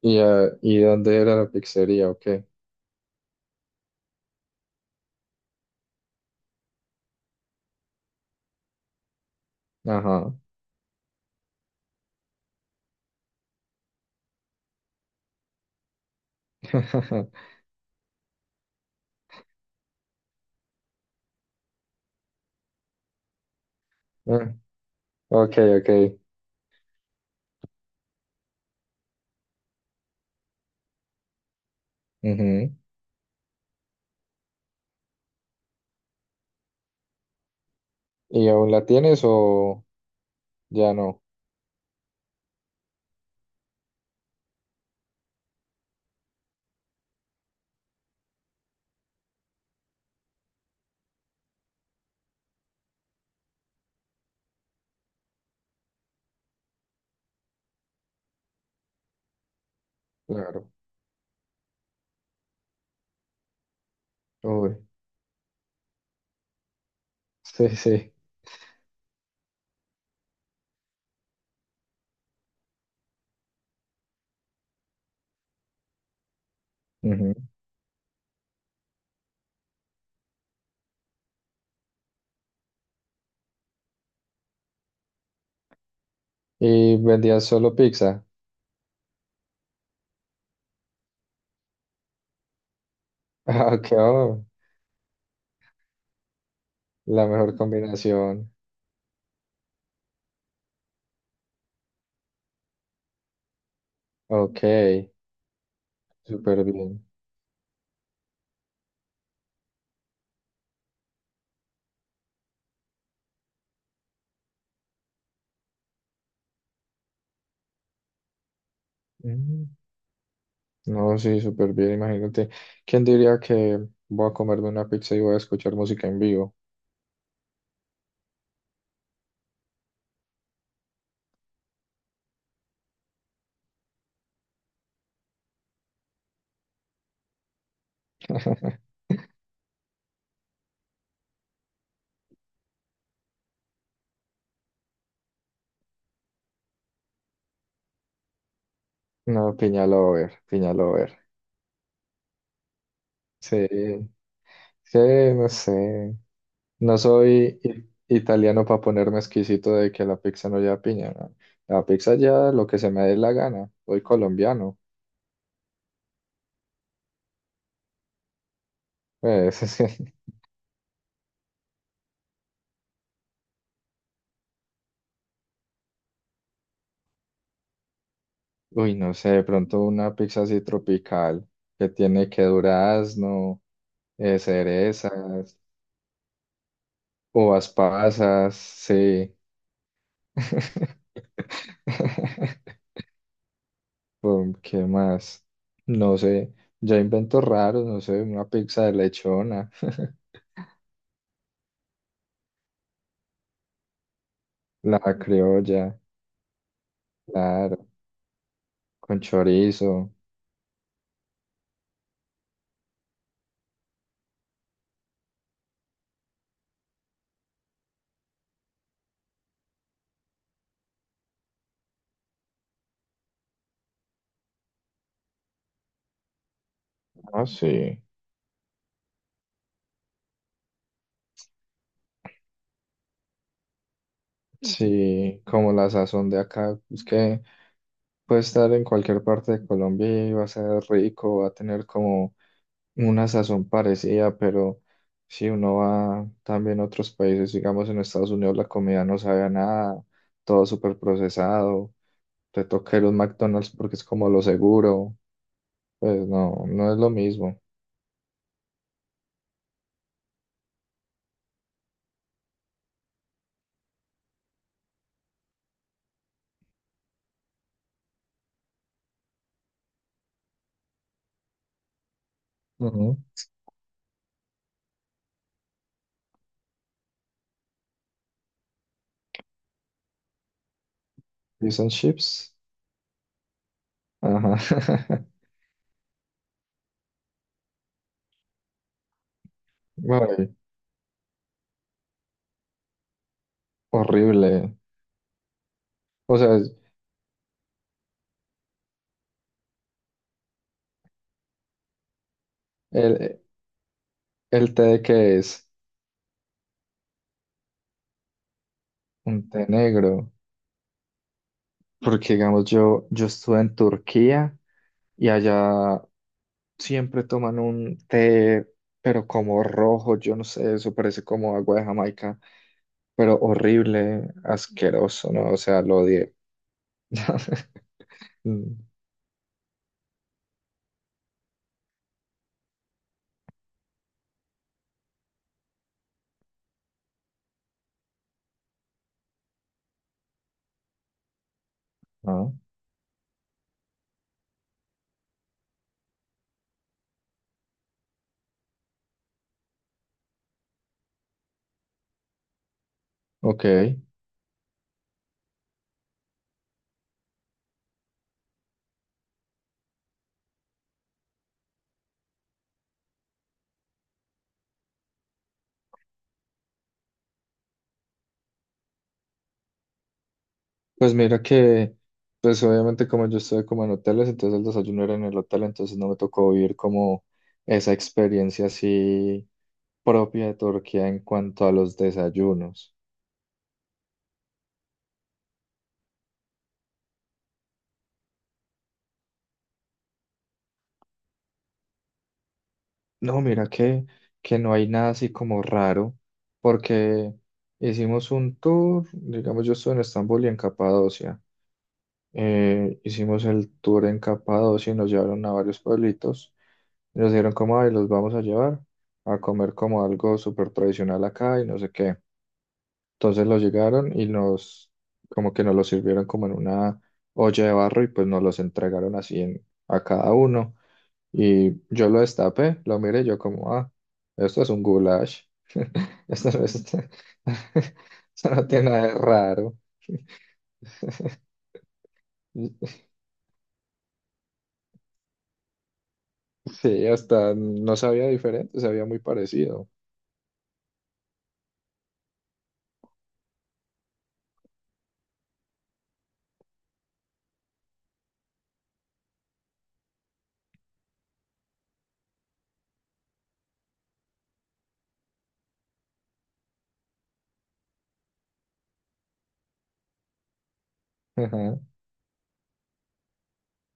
¿Y dónde era la pizzería? Ok. Ajá. Ah, ok, ok. Ujú. ¿Y aún la tienes o ya no? Claro. Uy. Sí, sí. Ujú. ¿Y vendías solo pizza? Ah, ok, oh, la mejor combinación. Ok, súper bien. Mm. No, sí, súper bien. Imagínate, ¿quién diría que voy a comerme una pizza y voy a escuchar música en vivo? No, piña lover, piña lover. Sí. Sí, no sé. No soy i- italiano para ponerme exquisito de que la pizza no lleva piña, ¿no? La pizza lleva lo que se me dé la gana. Soy colombiano. Pues, uy, no sé, de pronto una pizza así tropical que tiene que durazno, cerezas, uvas pasas, sí. ¿Qué más? No sé. Ya inventos raros, no sé, una pizza de lechona, la criolla. Claro, con chorizo. Ah, sí. Sí, como la sazón de acá, es que puede estar en cualquier parte de Colombia y va a ser rico, va a tener como una sazón parecida, pero si uno va también a otros países, digamos en Estados Unidos, la comida no sabe a nada, todo súper procesado, te toca ir a un McDonald's porque es como lo seguro, pues no, no es lo mismo. Ujú. ¿Fish and chips? Ajá. Ay, horrible. O sea, el, el té de qué es un té negro, porque digamos yo, yo estuve en Turquía y allá siempre toman un té, pero como rojo, yo no sé, eso parece como agua de Jamaica, pero horrible, asqueroso, ¿no? O sea, lo odié. Mm. Ah, ok. Pues mira que, pues obviamente como yo estuve como en hoteles, entonces el desayuno era en el hotel, entonces no me tocó vivir como esa experiencia así propia de Turquía en cuanto a los desayunos. No, mira que no hay nada así como raro, porque hicimos un tour, digamos, yo estuve en Estambul y en Capadocia. Hicimos el tour en Capadocia y nos llevaron a varios pueblitos. Y nos dijeron como, ay, los vamos a llevar a comer como algo súper tradicional acá y no sé qué. Entonces los llegaron y nos, como que nos los sirvieron como en una olla de barro y pues nos los entregaron así en, a cada uno. Y yo lo destapé, lo miré, y yo como, ah, esto es un goulash. Esto, no es- esto no tiene nada de raro. Sí, hasta no sabía diferente, sabía muy parecido. Ajá,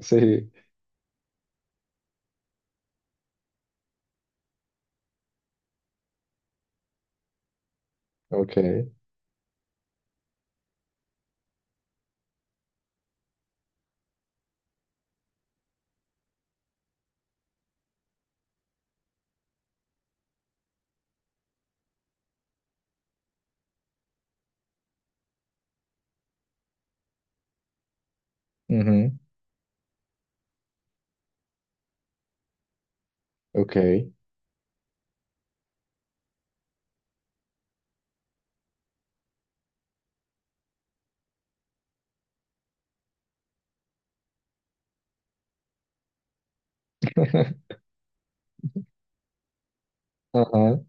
sí, ok, ujú, ok, ajá,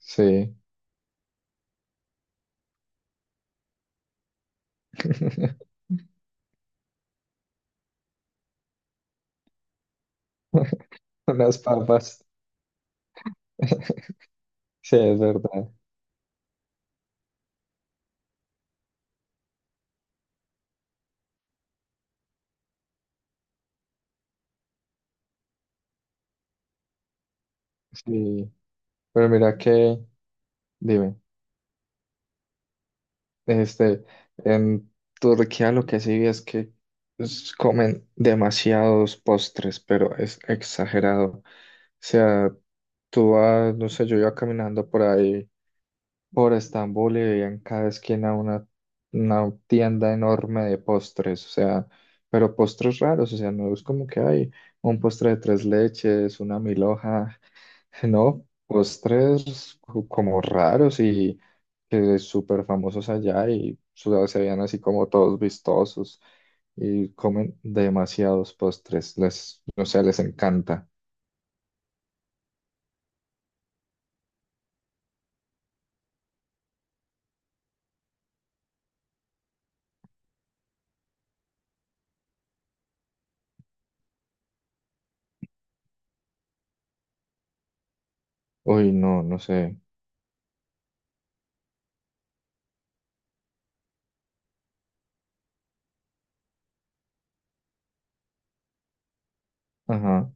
sí, unas papas, sí, es verdad, sí. Pero mira que, dime, este, en Turquía lo que sí vi es que comen demasiados postres, pero es exagerado. O sea, tú vas, no sé, yo iba caminando por ahí. Por Estambul y veía en cada esquina una tienda enorme de postres, o sea, pero postres raros, o sea, no es como que hay un postre de tres leches, una milhoja, no, como raros y que súper famosos allá se veían así como todos vistosos y comen demasiados postres, les, o sea, les encanta. Uy, no, no sé. Ajá,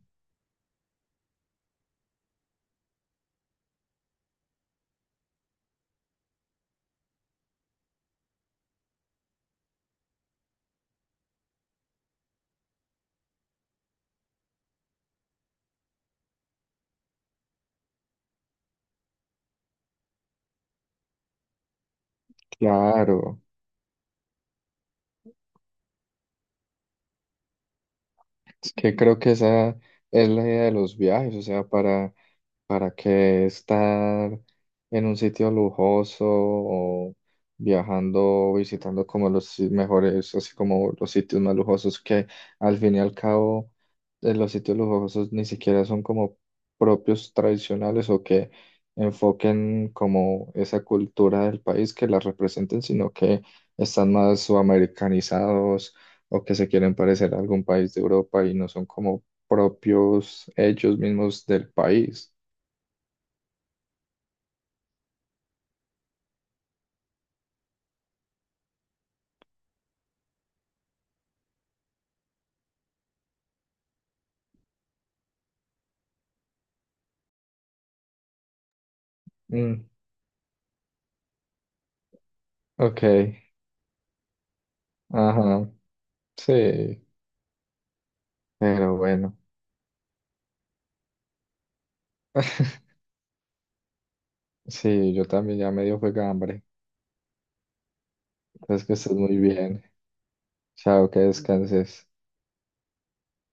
claro. Es que creo que esa es la idea de los viajes, o sea, para, ¿para qué estar en un sitio lujoso o viajando, visitando como los si- mejores, así como los sitios más lujosos que al fin y al cabo los sitios lujosos ni siquiera son como propios tradicionales o que enfoquen como esa cultura del país que la representen, sino que están más o que se quieren parecer a algún país de Europa y no son como propios ellos mismos del país? Mm, ok, ajá, sí, pero bueno. Sí, yo también ya medio fue hambre. Entonces que estés muy bien. Chao, que descanses.